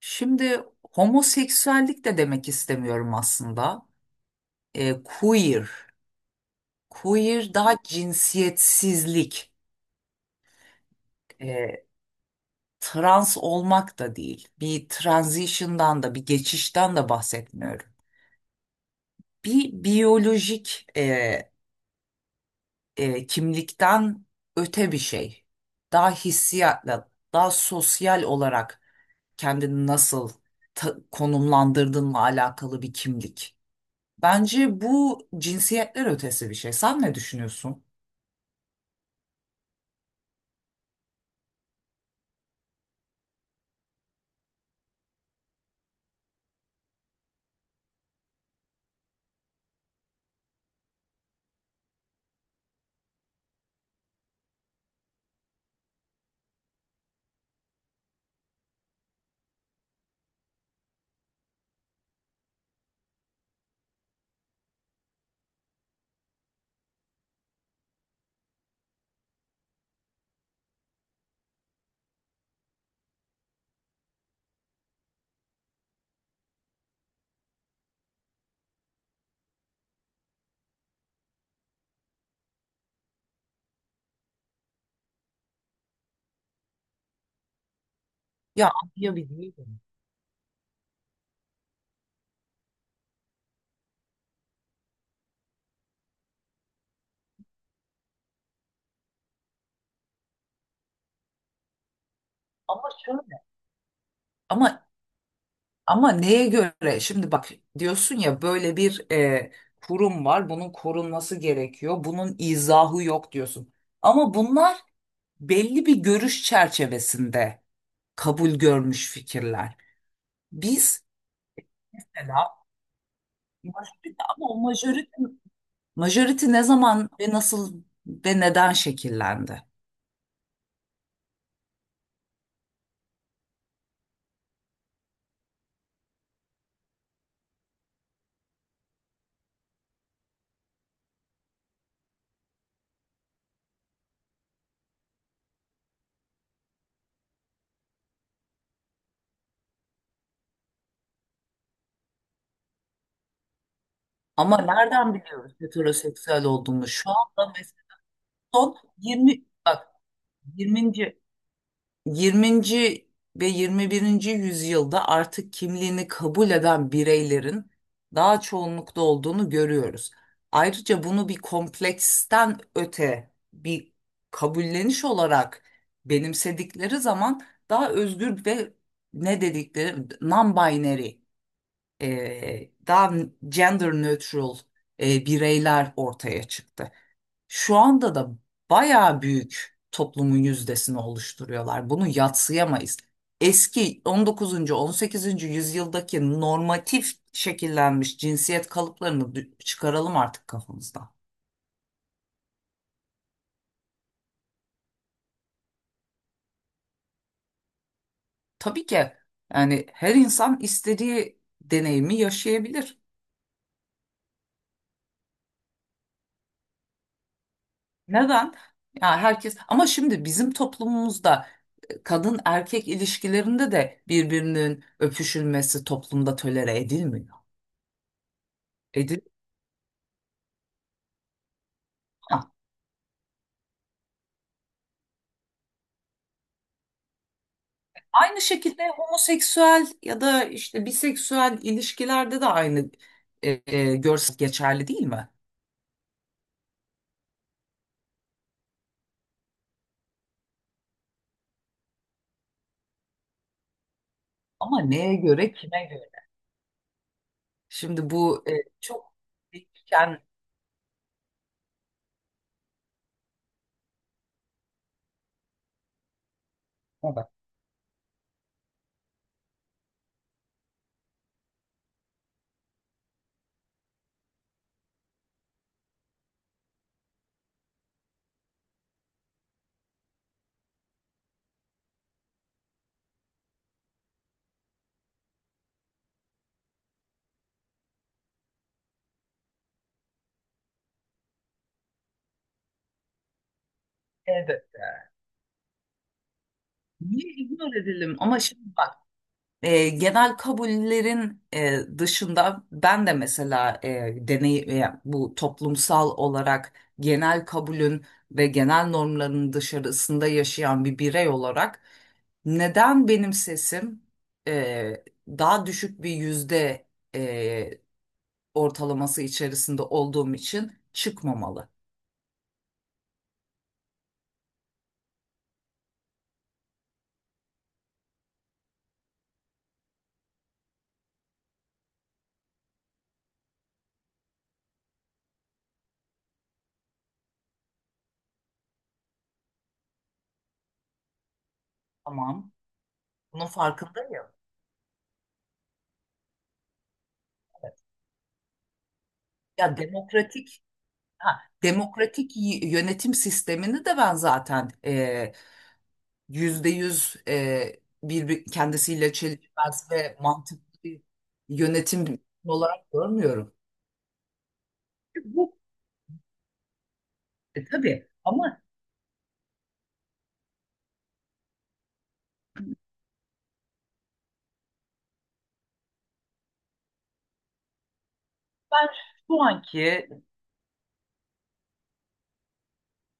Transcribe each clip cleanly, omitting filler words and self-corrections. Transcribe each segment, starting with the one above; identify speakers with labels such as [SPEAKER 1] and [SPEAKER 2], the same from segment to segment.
[SPEAKER 1] Şimdi homoseksüellik de demek istemiyorum aslında. Queer. Queer daha cinsiyetsizlik. E, Trans olmak da değil. Bir transition'dan da bir geçişten de bahsetmiyorum. Bir biyolojik kimlikten öte bir şey. Daha hissiyatla, daha sosyal olarak kendini nasıl konumlandırdığınla alakalı bir kimlik. Bence bu cinsiyetler ötesi bir şey. Sen ne düşünüyorsun? Ya, anlayabiliyorum. Ama şöyle. Ama neye göre? Şimdi bak, diyorsun ya, böyle bir kurum var. Bunun korunması gerekiyor. Bunun izahı yok diyorsun. Ama bunlar belli bir görüş çerçevesinde kabul görmüş fikirler. Biz mesela majority, ama o majority, majority ne zaman ve nasıl ve neden şekillendi? Ama nereden biliyoruz heteroseksüel olduğunu? Şu anda mesela son 20, bak, 20. 20. ve 21. yüzyılda artık kimliğini kabul eden bireylerin daha çoğunlukta olduğunu görüyoruz. Ayrıca bunu bir kompleksten öte bir kabulleniş olarak benimsedikleri zaman daha özgür ve ne dedikleri non-binary, daha gender neutral bireyler ortaya çıktı. Şu anda da bayağı büyük toplumun yüzdesini oluşturuyorlar. Bunu yadsıyamayız. Eski 19. 18. yüzyıldaki normatif şekillenmiş cinsiyet kalıplarını çıkaralım artık kafamızdan. Tabii ki, yani her insan istediği deneyimi yaşayabilir. Neden? Ya herkes, ama şimdi bizim toplumumuzda kadın erkek ilişkilerinde de birbirinin öpüşülmesi toplumda tolere edilmiyor. Edilmiyor. Ha, aynı şekilde homoseksüel ya da işte biseksüel ilişkilerde de aynı görsel geçerli değil mi? Ama neye göre, kime göre? Şimdi bu çok değişken. Evet. Niye ignore edelim? Ama şimdi bak. Genel kabullerin dışında ben de mesela bu toplumsal olarak genel kabulün ve genel normların dışarısında yaşayan bir birey olarak neden benim sesim daha düşük bir yüzde e, ortalaması içerisinde olduğum için çıkmamalı? Tamam, bunun farkındayım. Ya demokratik, ha, demokratik yönetim sistemini de ben zaten yüzde yüz kendisiyle çelişmez ve mantıklı bir yönetim olarak görmüyorum. Bu tabii, ama ben şu anki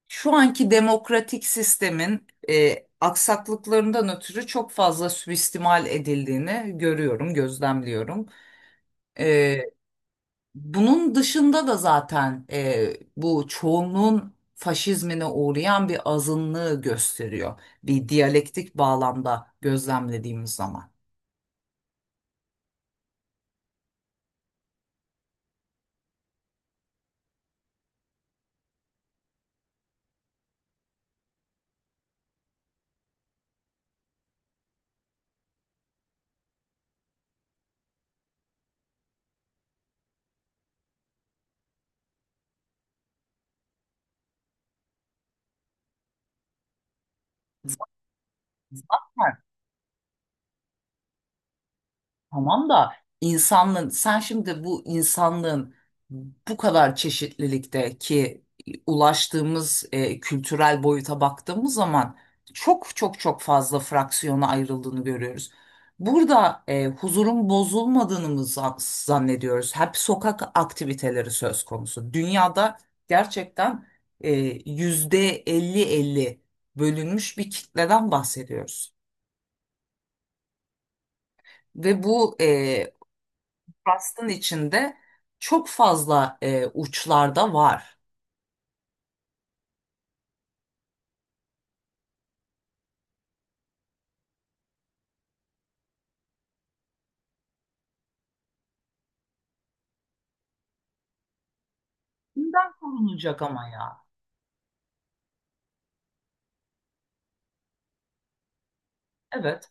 [SPEAKER 1] şu anki demokratik sistemin aksaklıklarından ötürü çok fazla suistimal edildiğini görüyorum, gözlemliyorum. E, Bunun dışında da zaten bu çoğunluğun faşizmine uğrayan bir azınlığı gösteriyor. Bir diyalektik bağlamda gözlemlediğimiz zaman. Zaten. Tamam da, insanlığın, sen şimdi bu insanlığın bu kadar çeşitlilikteki ulaştığımız kültürel boyuta baktığımız zaman çok çok çok fazla fraksiyona ayrıldığını görüyoruz. Burada huzurun bozulmadığını mı zannediyoruz? Hep sokak aktiviteleri söz konusu. Dünyada gerçekten e, yüzde %50-50 bölünmüş bir kitleden bahsediyoruz. Ve bu Rust'ın içinde çok fazla uçlarda var. Bundan korunacak ama ya. Evet.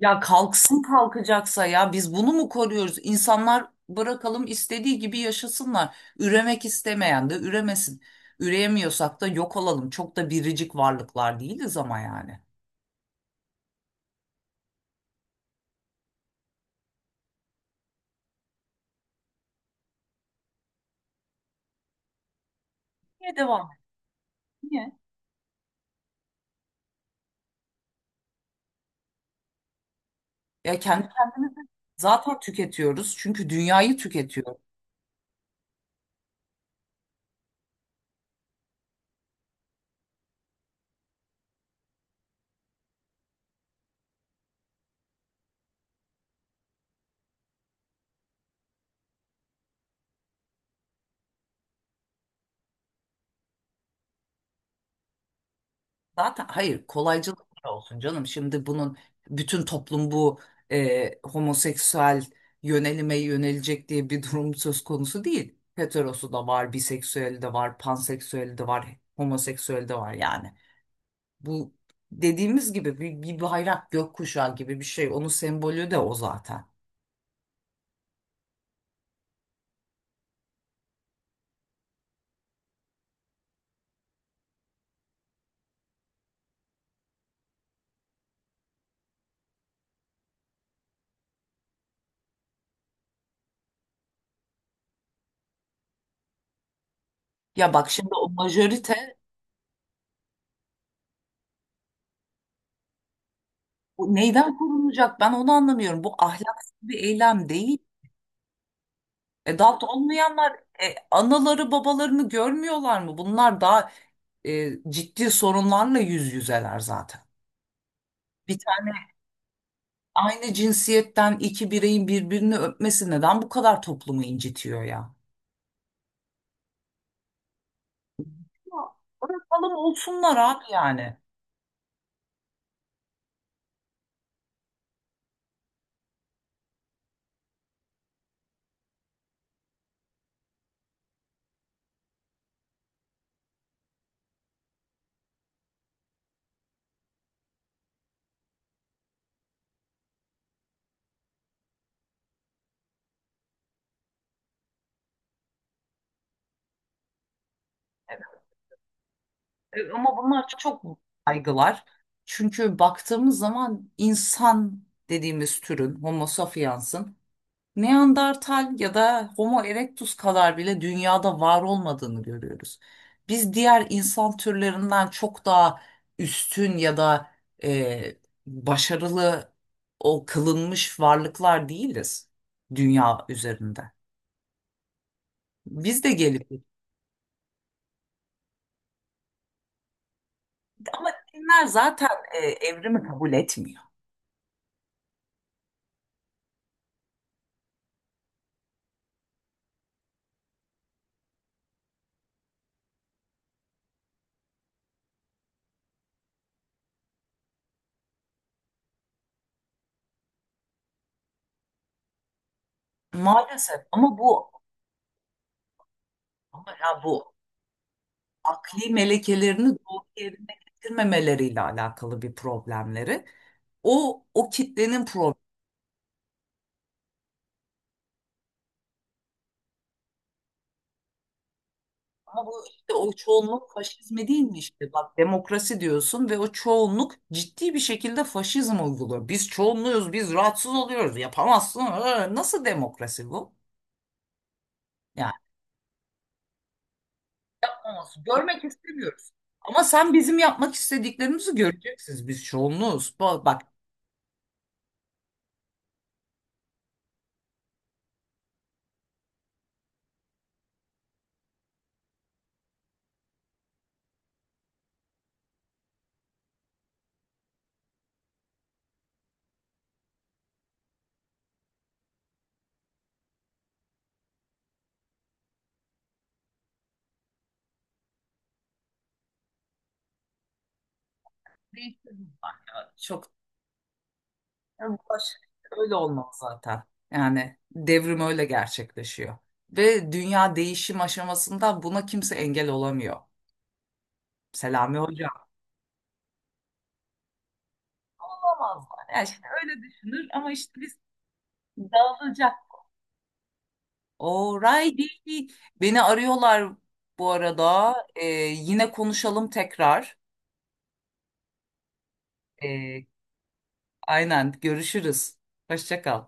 [SPEAKER 1] Ya kalksın, kalkacaksa. Ya biz bunu mu koruyoruz? İnsanlar, bırakalım istediği gibi yaşasınlar. Üremek istemeyen de üremesin. Üreyemiyorsak da yok olalım. Çok da biricik varlıklar değiliz ama yani. Niye devam? Niye? Ya kendi kendimizi zaten tüketiyoruz. Çünkü dünyayı tüketiyoruz. Zaten, hayır, kolaycılık olsun canım. Şimdi bunun, bütün toplum bu homoseksüel yönelime yönelecek diye bir durum söz konusu değil. Heterosu da var, biseksüeli de var, panseksüeli de var, homoseksüeli de var yani. Bu, dediğimiz gibi bir bayrak, gökkuşağı gibi bir şey. Onun sembolü de o zaten. Ya bak, şimdi o majörite. Bu neyden korunacak? Ben onu anlamıyorum. Bu ahlaksız bir eylem değil. Adopt olmayanlar anaları babalarını görmüyorlar mı? Bunlar daha ciddi sorunlarla yüz yüzeler zaten. Bir tane aynı cinsiyetten iki bireyin birbirini öpmesi neden bu kadar toplumu incitiyor ya? Ya, bırakalım olsunlar abi yani. Ama bunlar çok kaygılar. Çünkü baktığımız zaman insan dediğimiz türün, homo sapiens'ın, Neandertal ya da Homo erectus kadar bile dünyada var olmadığını görüyoruz. Biz diğer insan türlerinden çok daha üstün ya da e, başarılı o kılınmış varlıklar değiliz dünya üzerinde. Biz de gelip, ama dinler zaten evrimi kabul etmiyor. Maalesef, ama bu Ama ya bu akli melekelerini doğru yerine getirmemeleriyle alakalı bir problemleri. O kitlenin problemi. Ama bu işte o çoğunluk faşizmi değil mi işte? Bak, demokrasi diyorsun ve o çoğunluk ciddi bir şekilde faşizm uyguluyor. Biz çoğunluğuz, biz rahatsız oluyoruz. Yapamazsın. Nasıl demokrasi bu? Yani yapamazsın. Görmek istemiyoruz. Ama sen bizim yapmak istediklerimizi göreceksiniz. Biz çoğunluğuz. Bak, değiştirdim bak ya. Çok. Yani Ulaş, öyle olmaz zaten. Yani devrim öyle gerçekleşiyor. Ve dünya değişim aşamasında buna kimse engel olamıyor. Selami Hoca. Olamazlar. Yani işte öyle düşünür, ama işte biz dağılacak. Alrighty. Beni arıyorlar bu arada. Yine konuşalım tekrar. Ee, aynen, görüşürüz. Hoşça kal.